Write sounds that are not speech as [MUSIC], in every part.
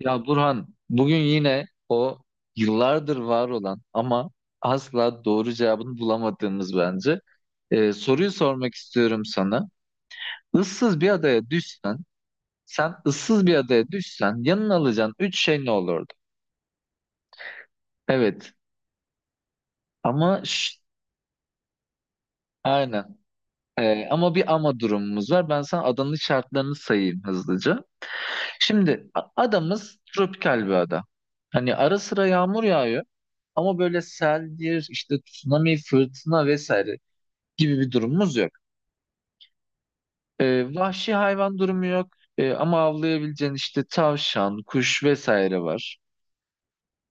Ya Burhan, bugün yine o yıllardır var olan ama asla doğru cevabını bulamadığımız bence soruyu sormak istiyorum sana. Issız bir adaya düşsen, yanına alacağın üç şey ne olurdu? Evet, ama aynen. Ama bir ama durumumuz var. Ben sana adanın şartlarını sayayım hızlıca. Şimdi adamız tropikal bir ada. Hani ara sıra yağmur yağıyor ama böyle seldir, işte tsunami, fırtına vesaire gibi bir durumumuz yok. Vahşi hayvan durumu yok. Ama avlayabileceğin işte tavşan, kuş vesaire var.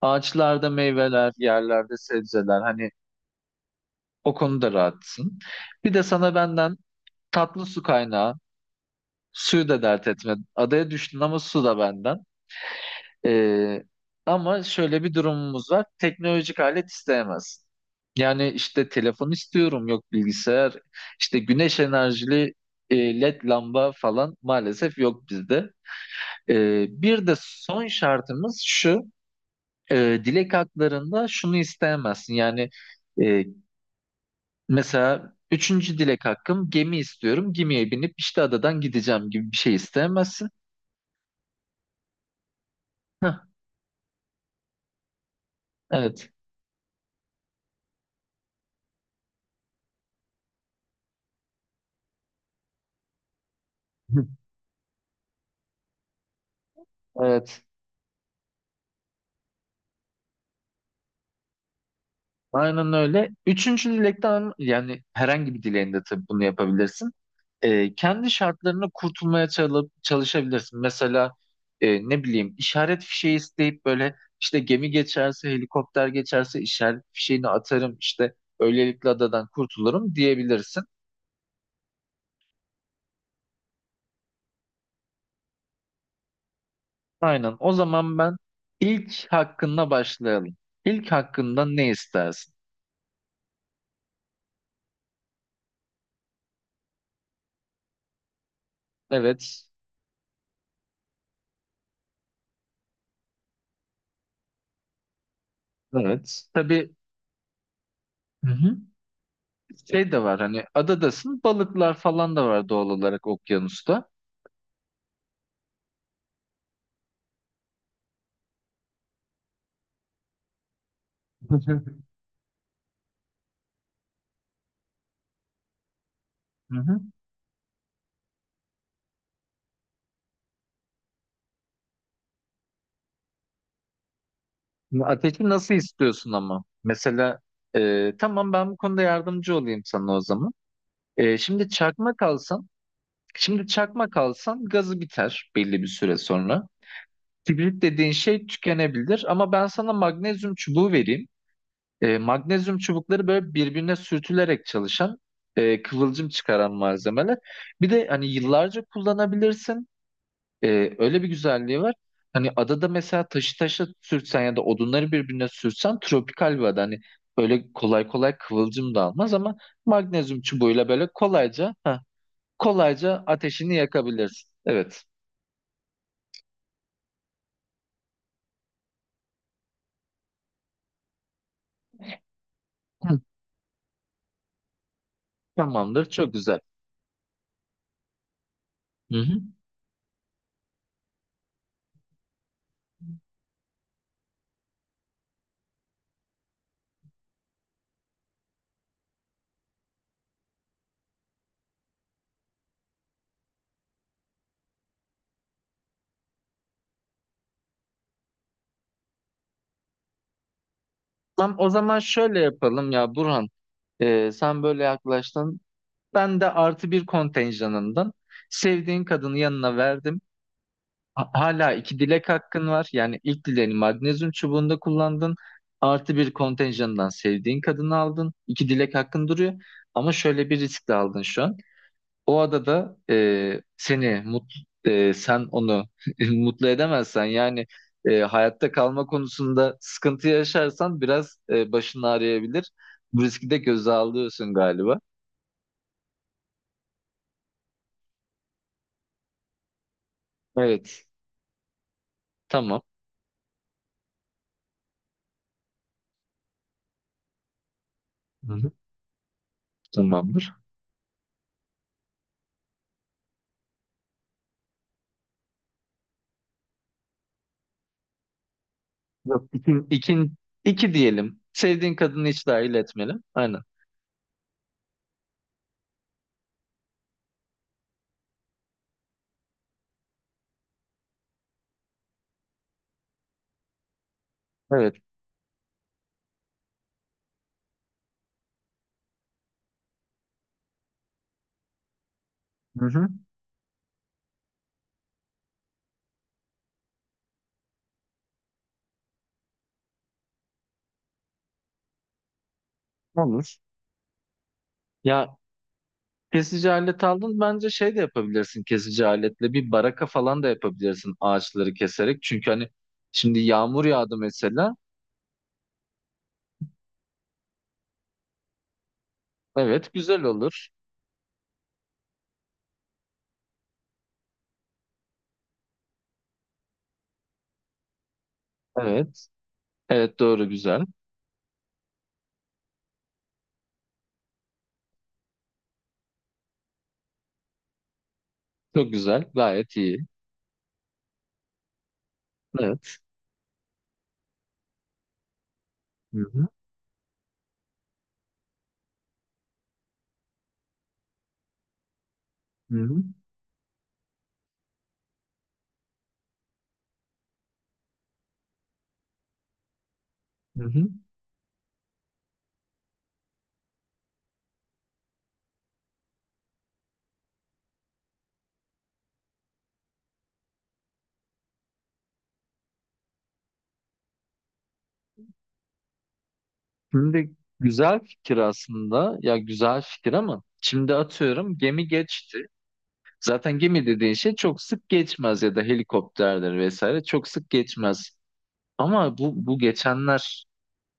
Ağaçlarda meyveler, yerlerde sebzeler, hani o konuda rahatsın. Bir de sana benden tatlı su kaynağı, suyu da dert etme. Adaya düştün ama su da benden. Ee, ama şöyle bir durumumuz var. Teknolojik alet isteyemez. Yani işte telefon istiyorum, yok bilgisayar, işte güneş enerjili LED lamba falan maalesef yok bizde. Bir de son şartımız şu, dilek haklarında şunu isteyemezsin. Yani e, mesela üçüncü dilek hakkım gemi istiyorum, gemiye binip işte adadan gideceğim gibi bir şey isteyemezsin. Heh, evet. [LAUGHS] Evet. Aynen öyle. Üçüncü dilekten, yani herhangi bir dileğinde tabii bunu yapabilirsin. Kendi şartlarına kurtulmaya çalışabilirsin. Mesela ne bileyim işaret fişeği isteyip böyle işte gemi geçerse, helikopter geçerse işaret fişeğini atarım işte böylelikle adadan kurtulurum diyebilirsin. Aynen. O zaman ben ilk hakkında başlayalım. İlk hakkında ne istersin? Evet. Evet. Tabii. Hı hı. Şey de var, hani adadasın, balıklar falan da var doğal olarak okyanusta. [LAUGHS] Hı hı. Şimdi ateşi nasıl istiyorsun ama? Mesela tamam, ben bu konuda yardımcı olayım sana o zaman. Şimdi çakmak alsan, gazı biter belli bir süre sonra. Kibrit dediğin şey tükenebilir ama ben sana magnezyum çubuğu vereyim. Magnezyum çubukları böyle birbirine sürtülerek çalışan, kıvılcım çıkaran malzemeler. Bir de hani yıllarca kullanabilirsin. Öyle bir güzelliği var. Hani adada mesela taşı taşa sürtsen ya da odunları birbirine sürtsen, tropikal bir ada, hani böyle kolay kolay kıvılcım da almaz ama magnezyum çubuğuyla böyle kolayca kolayca ateşini yakabilirsin. Evet. Hı. Tamamdır. Çok güzel. Hı hı. Tamam, o zaman şöyle yapalım ya Burhan. Sen böyle yaklaştın. Ben de artı bir kontenjanından sevdiğin kadını yanına verdim. Hala iki dilek hakkın var. Yani ilk dileğini magnezyum çubuğunda kullandın. Artı bir kontenjandan sevdiğin kadını aldın. İki dilek hakkın duruyor. Ama şöyle bir risk de aldın şu an. O adada seni mutlu, sen onu [LAUGHS] mutlu edemezsen yani hayatta kalma konusunda sıkıntı yaşarsan biraz başın ağrıyabilir. Bu riski de göze alıyorsun galiba. Evet. Tamam. Hı hı. Tamamdır. Yok, iki diyelim. Sevdiğin kadını hiç dahil etmeli. Aynen. Evet. Hı hı. Olur. Ya kesici alet aldın, bence şey de yapabilirsin, kesici aletle bir baraka falan da yapabilirsin ağaçları keserek. Çünkü hani şimdi yağmur yağdı mesela. Evet, güzel olur. Evet. Evet, doğru, güzel. Çok güzel. Gayet iyi. Evet. Hı hı. Hı hı. Hı hı. Şimdi güzel fikir aslında. Ya güzel fikir ama şimdi atıyorum gemi geçti. Zaten gemi dediğin şey çok sık geçmez ya da helikopterdir vesaire çok sık geçmez. Ama bu geçenler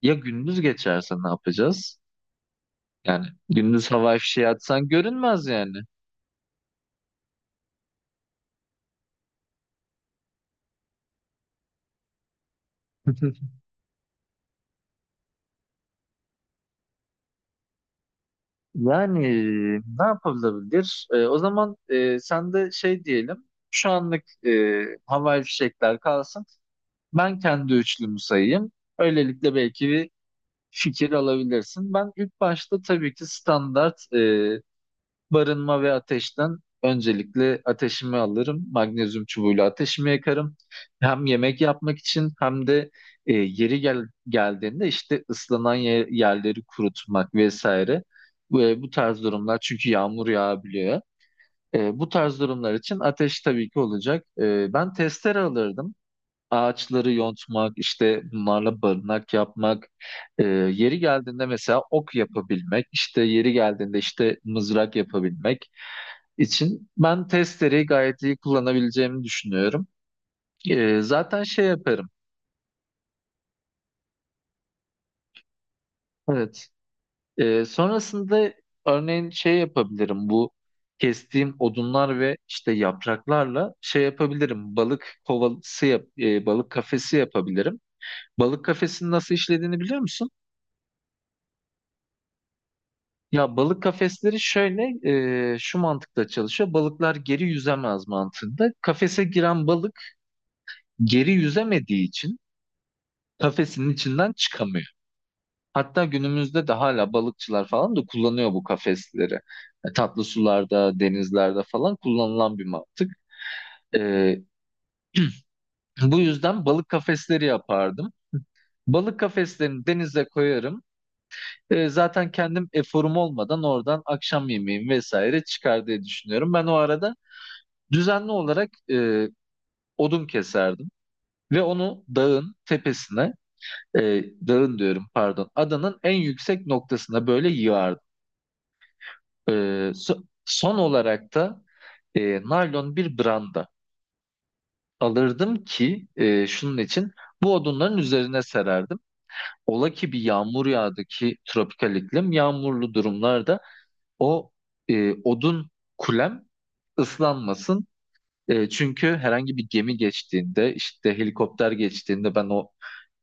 ya gündüz geçerse ne yapacağız? Yani gündüz havai fişeği atsan görünmez yani. [LAUGHS] Yani ne yapılabilir? O zaman sen de şey diyelim. Şu anlık havai fişekler kalsın. Ben kendi üçlümü sayayım. Öylelikle belki bir fikir alabilirsin. Ben ilk başta tabii ki standart, barınma ve ateşten öncelikle ateşimi alırım. Magnezyum çubuğuyla ateşimi yakarım. Hem yemek yapmak için hem de yeri geldiğinde işte ıslanan yerleri kurutmak vesaire. Ve bu tarz durumlar, çünkü yağmur yağabiliyor. Bu tarz durumlar için ateş tabii ki olacak. Ben testere alırdım. Ağaçları yontmak, işte bunlarla barınak yapmak, yeri geldiğinde mesela ok yapabilmek, işte yeri geldiğinde işte mızrak yapabilmek için ben testereyi gayet iyi kullanabileceğimi düşünüyorum. Zaten şey yaparım. Evet. Sonrasında örneğin şey yapabilirim. Bu kestiğim odunlar ve işte yapraklarla şey yapabilirim. Balık kovası yap, balık kafesi yapabilirim. Balık kafesinin nasıl işlediğini biliyor musun? Ya balık kafesleri şöyle şu mantıkla çalışıyor. Balıklar geri yüzemez mantığında. Kafese giren balık geri yüzemediği için kafesinin içinden çıkamıyor. Hatta günümüzde de hala balıkçılar falan da kullanıyor bu kafesleri. E, tatlı sularda, denizlerde falan kullanılan bir mantık. E, bu yüzden balık kafesleri yapardım. Balık kafeslerini denize koyarım. Zaten kendim eforum olmadan oradan akşam yemeğim vesaire çıkar diye düşünüyorum. Ben o arada düzenli olarak odun keserdim. Ve onu dağın tepesine, dağın diyorum pardon, adanın en yüksek noktasına böyle yığardım. Son olarak da naylon bir branda alırdım ki şunun için bu odunların üzerine sererdim. Ola ki bir yağmur yağdı ki tropikal iklim yağmurlu durumlarda o odun kulem ıslanmasın. E, çünkü herhangi bir gemi geçtiğinde işte helikopter geçtiğinde ben o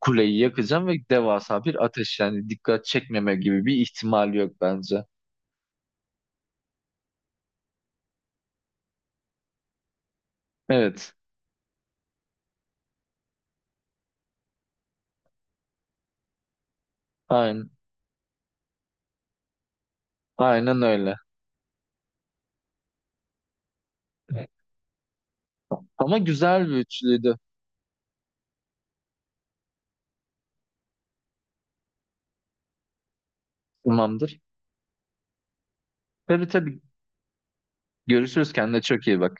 kuleyi yakacağım ve devasa bir ateş, yani dikkat çekmeme gibi bir ihtimal yok bence. Evet, aynen, aynen öyle. Ama güzel bir üçlüydü. Tamamdır. Tabii tabii. Görüşürüz. Kendine çok iyi bak.